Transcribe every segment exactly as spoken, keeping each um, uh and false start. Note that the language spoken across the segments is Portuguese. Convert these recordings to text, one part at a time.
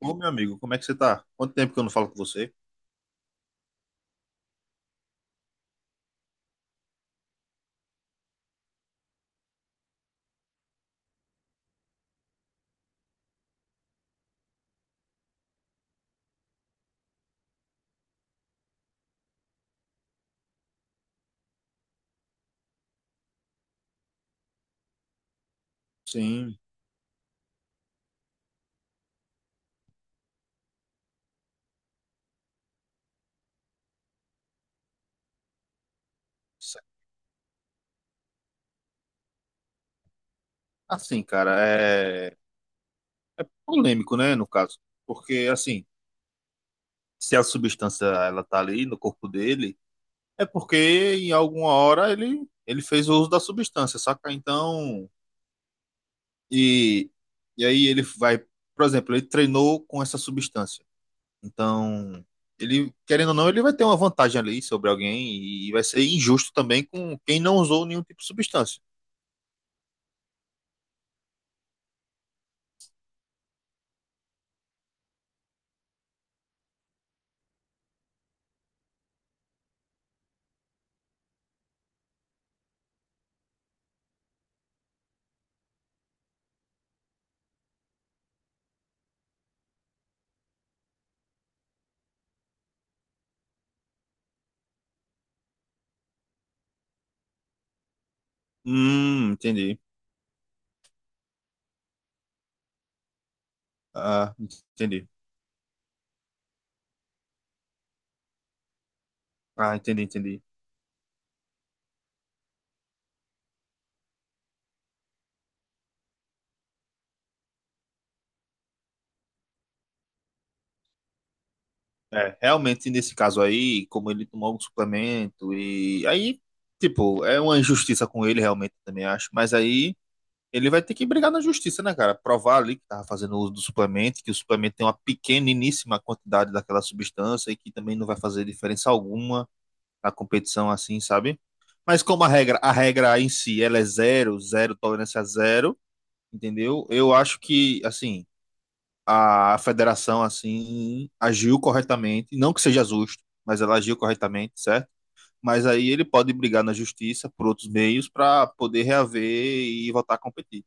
Ô, meu amigo, como é que você tá? Quanto tempo que eu não falo com você? Sim. Assim, cara, é polêmico, né, no caso. Porque, assim, se a substância ela tá ali no corpo dele, é porque em alguma hora ele, ele fez o uso da substância, saca? Então, e, e aí ele vai, por exemplo, ele treinou com essa substância. Então, ele, querendo ou não, ele vai ter uma vantagem ali sobre alguém e vai ser injusto também com quem não usou nenhum tipo de substância. Hum, entendi. Ah, entendi. Ah, entendi, entendi. É, realmente nesse caso aí, como ele tomou algum suplemento e aí, tipo, é uma injustiça com ele realmente também acho, mas aí ele vai ter que brigar na justiça, né, cara? Provar ali que tava fazendo uso do suplemento, que o suplemento tem uma pequeniníssima quantidade daquela substância e que também não vai fazer diferença alguma na competição assim, sabe? Mas como a regra, a regra em si, ela é zero, zero, tolerância zero, entendeu? Eu acho que, assim, a federação assim agiu corretamente, não que seja justo, mas ela agiu corretamente, certo? Mas aí ele pode brigar na justiça por outros meios para poder reaver e voltar a competir.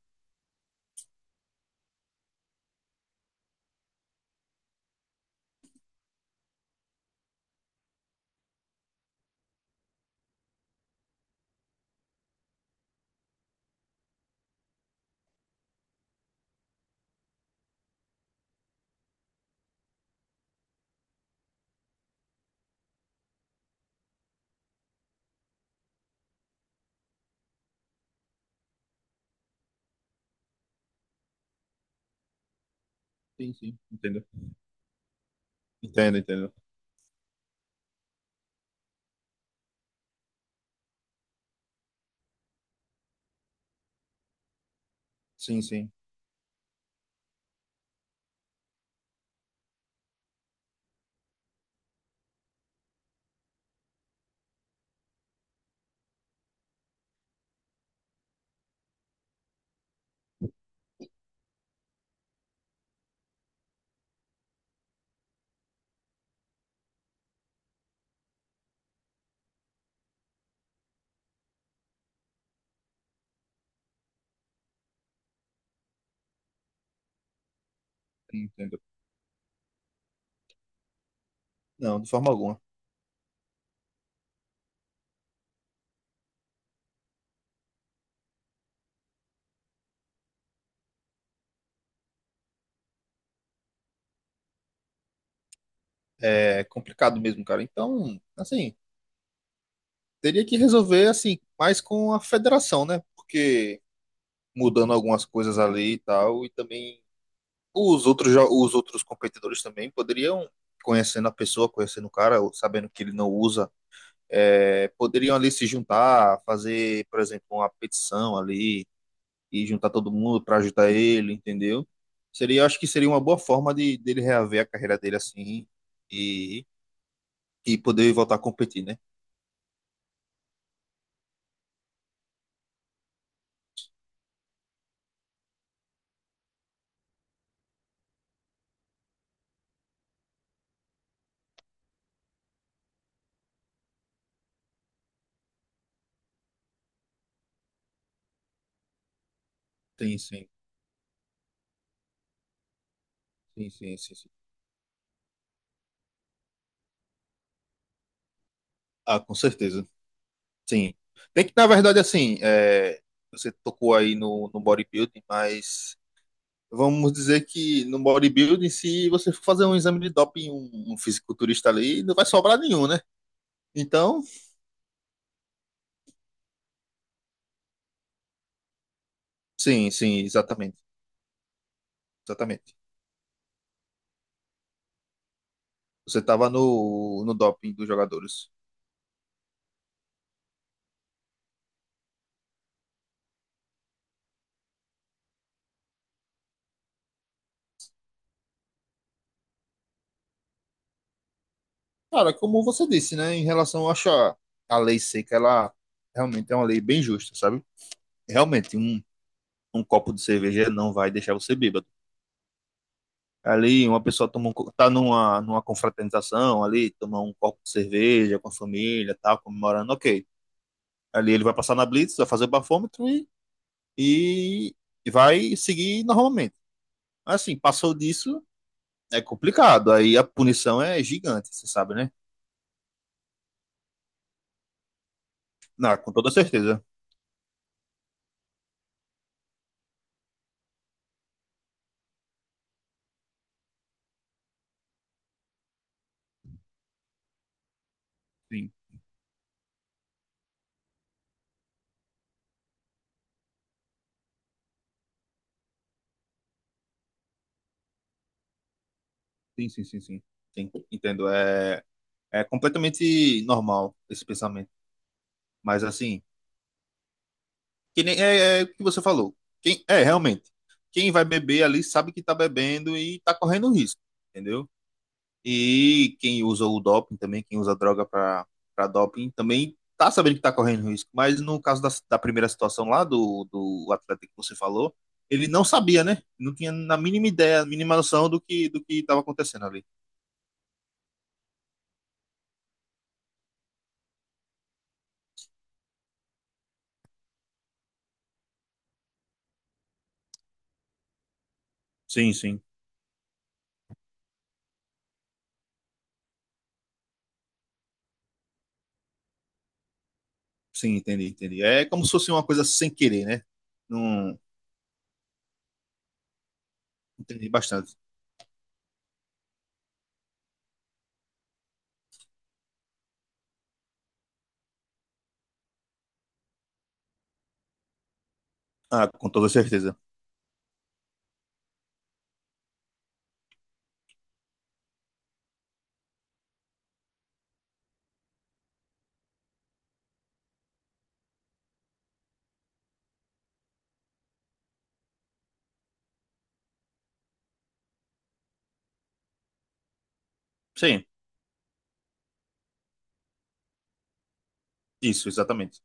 Sim, sim, entendo. Entendo, entendo. Sim, sim, entendo. Não, de forma alguma. É complicado mesmo, cara. Então, assim, teria que resolver assim, mais com a federação, né? Porque mudando algumas coisas ali e tal, e também os outros, jo- os outros competidores também poderiam, conhecendo a pessoa, conhecendo o cara, ou sabendo que ele não usa, é, poderiam ali se juntar, fazer, por exemplo, uma petição ali e juntar todo mundo para ajudar ele, entendeu? Seria, acho que seria uma boa forma de dele reaver a carreira dele assim e, e poder voltar a competir, né? Sim, sim, sim, sim, sim, sim. Ah, com certeza. Sim. Tem que, na verdade, assim, é, você tocou aí no, no bodybuilding, mas vamos dizer que no bodybuilding, se você for fazer um exame de doping, um, um fisiculturista ali, não vai sobrar nenhum, né? Então, sim, sim, exatamente. Exatamente. Você estava no, no doping dos jogadores. Cara, como você disse, né? Em relação, eu acho a, a lei seca, ela realmente é uma lei bem justa, sabe? Realmente, um, um copo de cerveja não vai deixar você bêbado. Ali, uma pessoa toma um, co- tá numa, numa confraternização ali, toma um copo de cerveja com a família, tal, comemorando, ok. Ali ele vai passar na blitz, vai fazer o bafômetro e, e, e vai seguir normalmente. Assim, passou disso, é complicado. Aí a punição é gigante, você sabe, né? Não, com toda certeza. Sim, sim, sim, sim, sim. Sim, entendo. É, é completamente normal esse pensamento. Mas assim, que nem é, é o que você falou. Quem, é, realmente. Quem vai beber ali sabe que tá bebendo e tá correndo risco, entendeu? E quem usa o doping também, quem usa a droga para doping, também tá sabendo que está correndo risco. Mas no caso da, da primeira situação lá, do, do atleta que você falou, ele não sabia, né? Não tinha na mínima ideia, a mínima noção do que do que estava acontecendo ali. Sim, sim. Sim, entendi, entendi. É como se fosse uma coisa sem querer, né? Não entendi bastante. Ah, com toda certeza. Sim, isso, exatamente.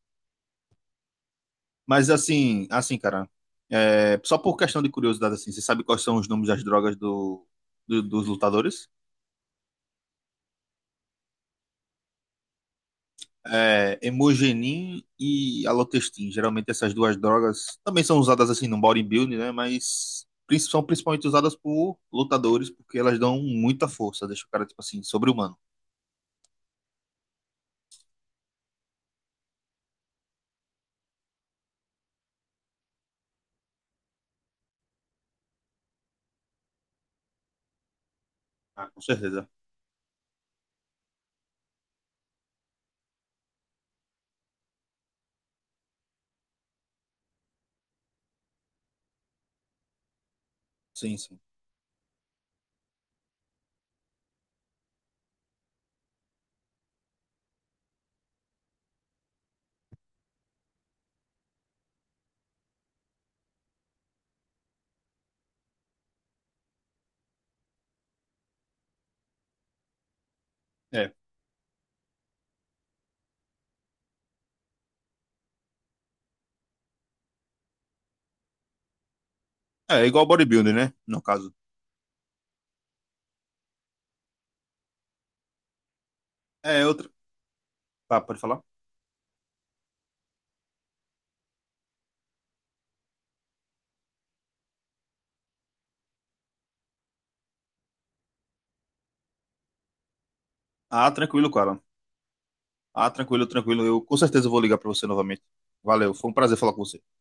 Mas assim, assim, cara, é, só por questão de curiosidade, assim, você sabe quais são os nomes das drogas do, do- dos lutadores? É, Hemogenin e Alotestin. Geralmente essas duas drogas também são usadas assim no bodybuilding, né? Mas prin- são principalmente usadas por lutadores porque elas dão muita força, deixa o cara, tipo assim, sobre-humano. Ah, com certeza. Sim, sim. É. É igual bodybuilding, né? No caso. É outra. Tá, pode falar? Ah, tranquilo, cara. Ah, tranquilo, tranquilo. Eu com certeza vou ligar para você novamente. Valeu, foi um prazer falar com você.